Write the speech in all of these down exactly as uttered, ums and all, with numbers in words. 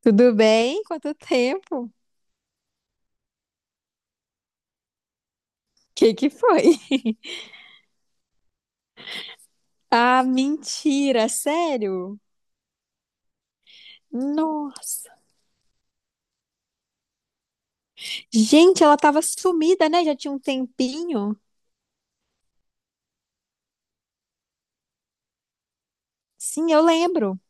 Tudo bem? Quanto tempo? Que que foi? Ah, mentira, sério? Nossa. Gente, ela tava sumida, né? Já tinha um tempinho. Sim, eu lembro.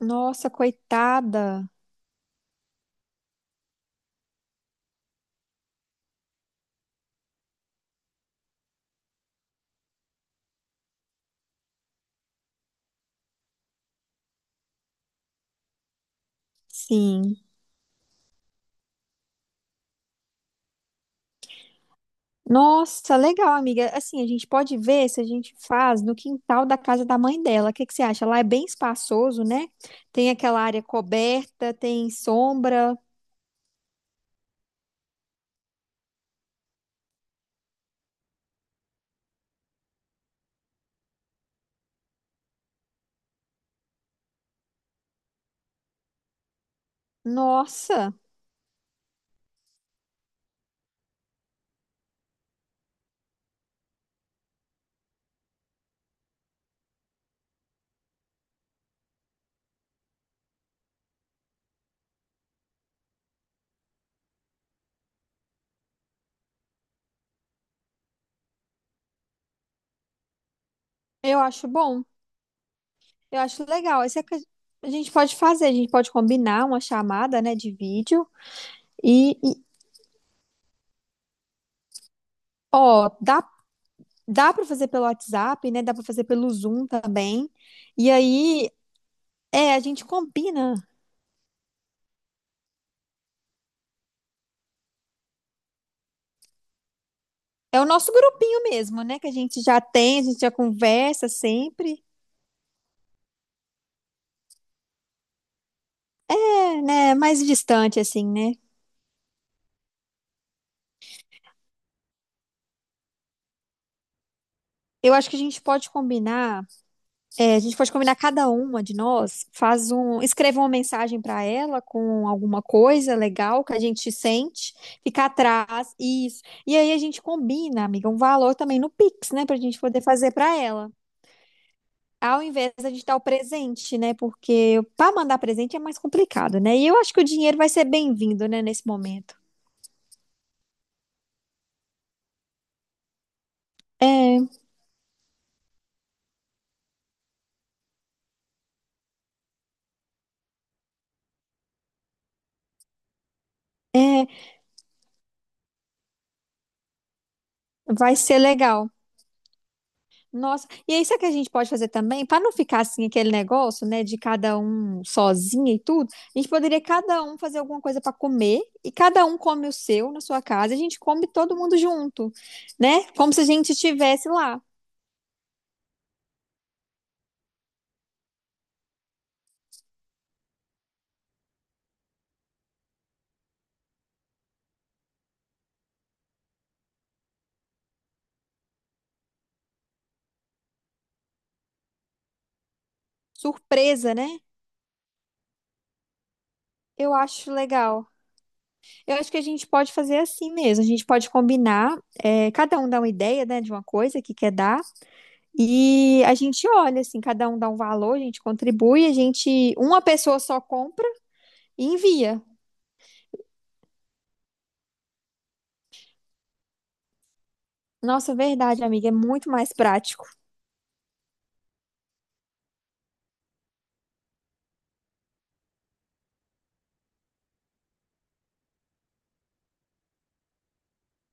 Nossa, coitada. Sim. Nossa, legal, amiga. Assim, a gente pode ver se a gente faz no quintal da casa da mãe dela. O que que você acha? Lá é bem espaçoso, né? Tem aquela área coberta, tem sombra. Nossa, eu acho bom. Eu acho legal. Esse é que a gente pode fazer, a gente pode combinar uma chamada, né, de vídeo e, e, ó, dá dá para fazer pelo WhatsApp, né? Dá para fazer pelo Zoom também. E aí, é, a gente combina. É o nosso grupinho mesmo, né, que a gente já tem, a gente já conversa sempre, é, né, mais distante assim, né? Eu acho que a gente pode combinar. É, a gente pode combinar cada uma de nós, faz um, escreva uma mensagem para ela com alguma coisa legal que a gente sente, fica atrás, isso. E aí a gente combina, amiga, um valor também no Pix, né, pra gente poder fazer para ela. Ao invés de gente dar o presente, né? Porque para mandar presente é mais complicado, né? E eu acho que o dinheiro vai ser bem-vindo, né, nesse momento. É, é, vai ser legal. Nossa, e é isso é que a gente pode fazer também, para não ficar assim aquele negócio, né, de cada um sozinha e tudo, a gente poderia cada um fazer alguma coisa para comer e cada um come o seu na sua casa, e a gente come todo mundo junto, né? Como se a gente estivesse lá, surpresa, né? Eu acho legal. Eu acho que a gente pode fazer assim mesmo. A gente pode combinar, é, cada um dá uma ideia, né, de uma coisa que quer dar, e a gente olha, assim, cada um dá um valor, a gente contribui, a gente, uma pessoa só compra e envia. Nossa, verdade, amiga, é muito mais prático.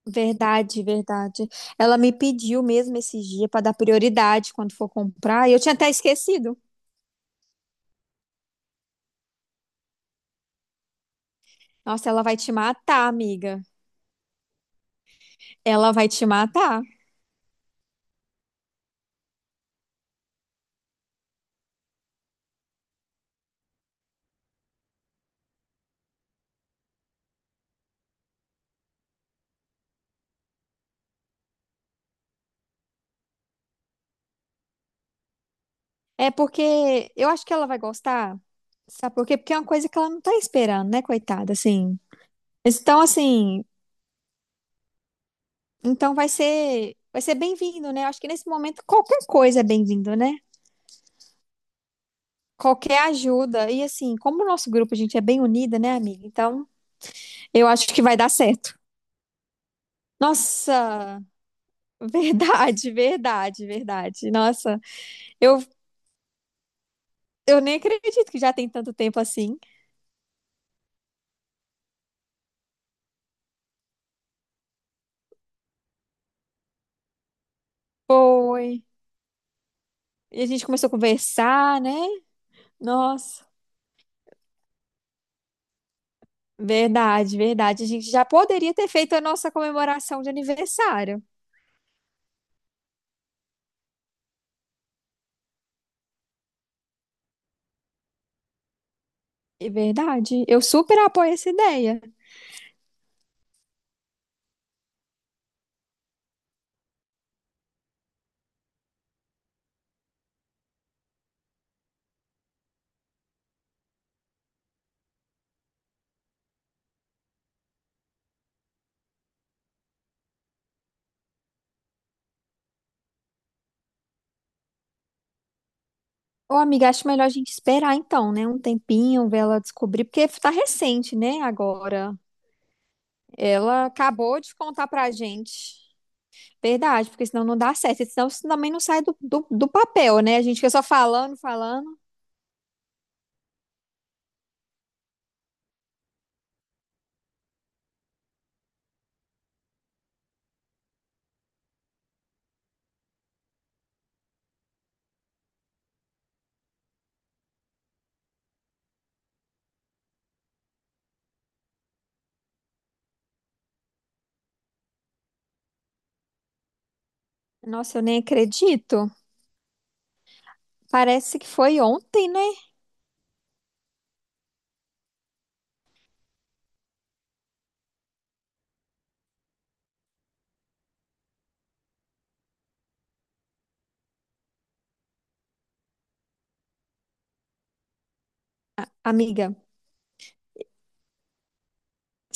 Verdade, verdade. Ela me pediu mesmo esses dias para dar prioridade quando for comprar, e eu tinha até esquecido. Nossa, ela vai te matar, amiga. Ela vai te matar. É porque eu acho que ela vai gostar. Sabe por quê? Porque é uma coisa que ela não tá esperando, né, coitada, assim. Então, assim, então vai ser, vai ser bem-vindo, né? Eu acho que nesse momento qualquer coisa é bem-vindo, né? Qualquer ajuda. E assim, como o nosso grupo, a gente é bem unida, né, amiga? Então, eu acho que vai dar certo. Nossa, verdade, verdade, verdade. Nossa, eu, eu nem acredito que já tem tanto tempo assim. Foi. E a gente começou a conversar, né? Nossa, verdade, verdade. A gente já poderia ter feito a nossa comemoração de aniversário. É verdade. Eu super apoio essa ideia. Ô, amiga, acho melhor a gente esperar então, né? Um tempinho, ver ela descobrir, porque tá recente, né? Agora. Ela acabou de contar pra gente. Verdade, porque senão não dá certo. Senão isso também não sai do, do, do papel, né? A gente fica só falando, falando. Nossa, eu nem acredito. Parece que foi ontem, né, amiga?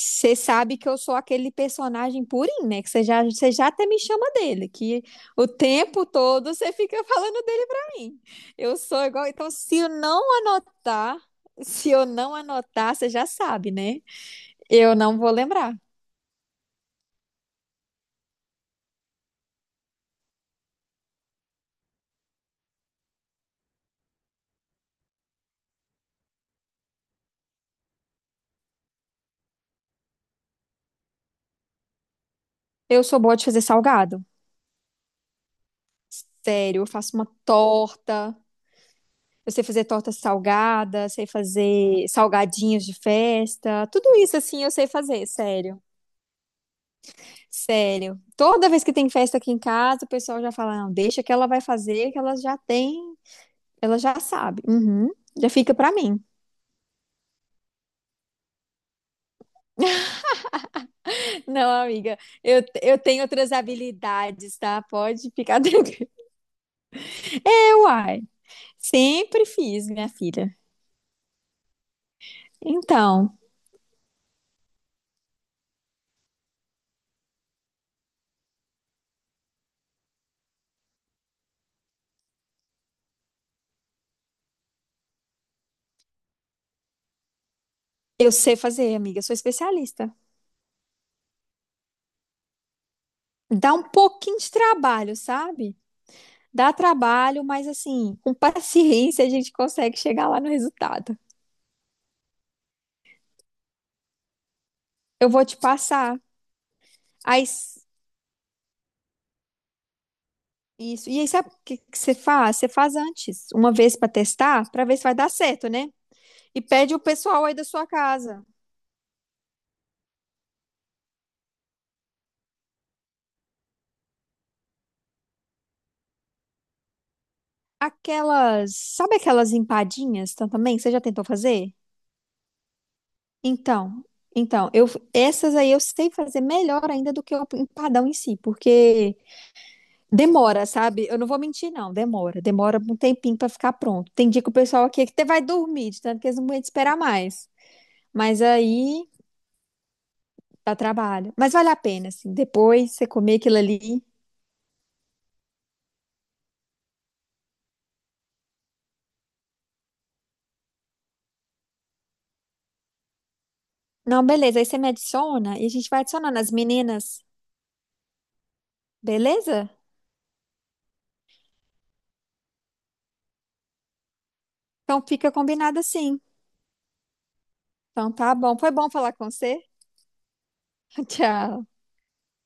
Você sabe que eu sou aquele personagem purinho, né? Que você já, você já até me chama dele, que o tempo todo você fica falando dele pra mim. Eu sou igual. Então, se eu não anotar, se eu não anotar, você já sabe, né? Eu não vou lembrar. Eu sou boa de fazer salgado. Sério, eu faço uma torta. Eu sei fazer torta salgada, sei fazer salgadinhos de festa, tudo isso assim eu sei fazer, sério. Sério. Toda vez que tem festa aqui em casa, o pessoal já fala: "Não, deixa que ela vai fazer, que ela já tem, ela já sabe". Uhum. Já fica pra mim. Não, amiga, eu, eu tenho outras habilidades, tá? Pode ficar tranquila. É, uai. Sempre fiz, minha filha. Então, eu sei fazer, amiga, eu sou especialista. Dá um pouquinho de trabalho, sabe? Dá trabalho, mas assim, com paciência a gente consegue chegar lá no resultado. Eu vou te passar. Aí, s- isso. E aí, sabe o que que você faz? Você faz antes, uma vez para testar, para ver se vai dar certo, né? E pede o pessoal aí da sua casa. Aquelas, sabe aquelas empadinhas tam- também? Você já tentou fazer? Então, então, eu essas aí eu sei fazer melhor ainda do que o empadão em si, porque demora, sabe? Eu não vou mentir, não. Demora. Demora um tempinho pra ficar pronto. Tem dia que o pessoal aqui é que até vai dormir, de tanto que eles não aguentam esperar mais. Mas aí dá trabalho. Mas vale a pena, assim. Depois você comer aquilo ali. Não, beleza. Aí você me adiciona e a gente vai adicionando as meninas. Beleza? Então fica combinado assim. Então tá bom. Foi bom falar com você. Tchau.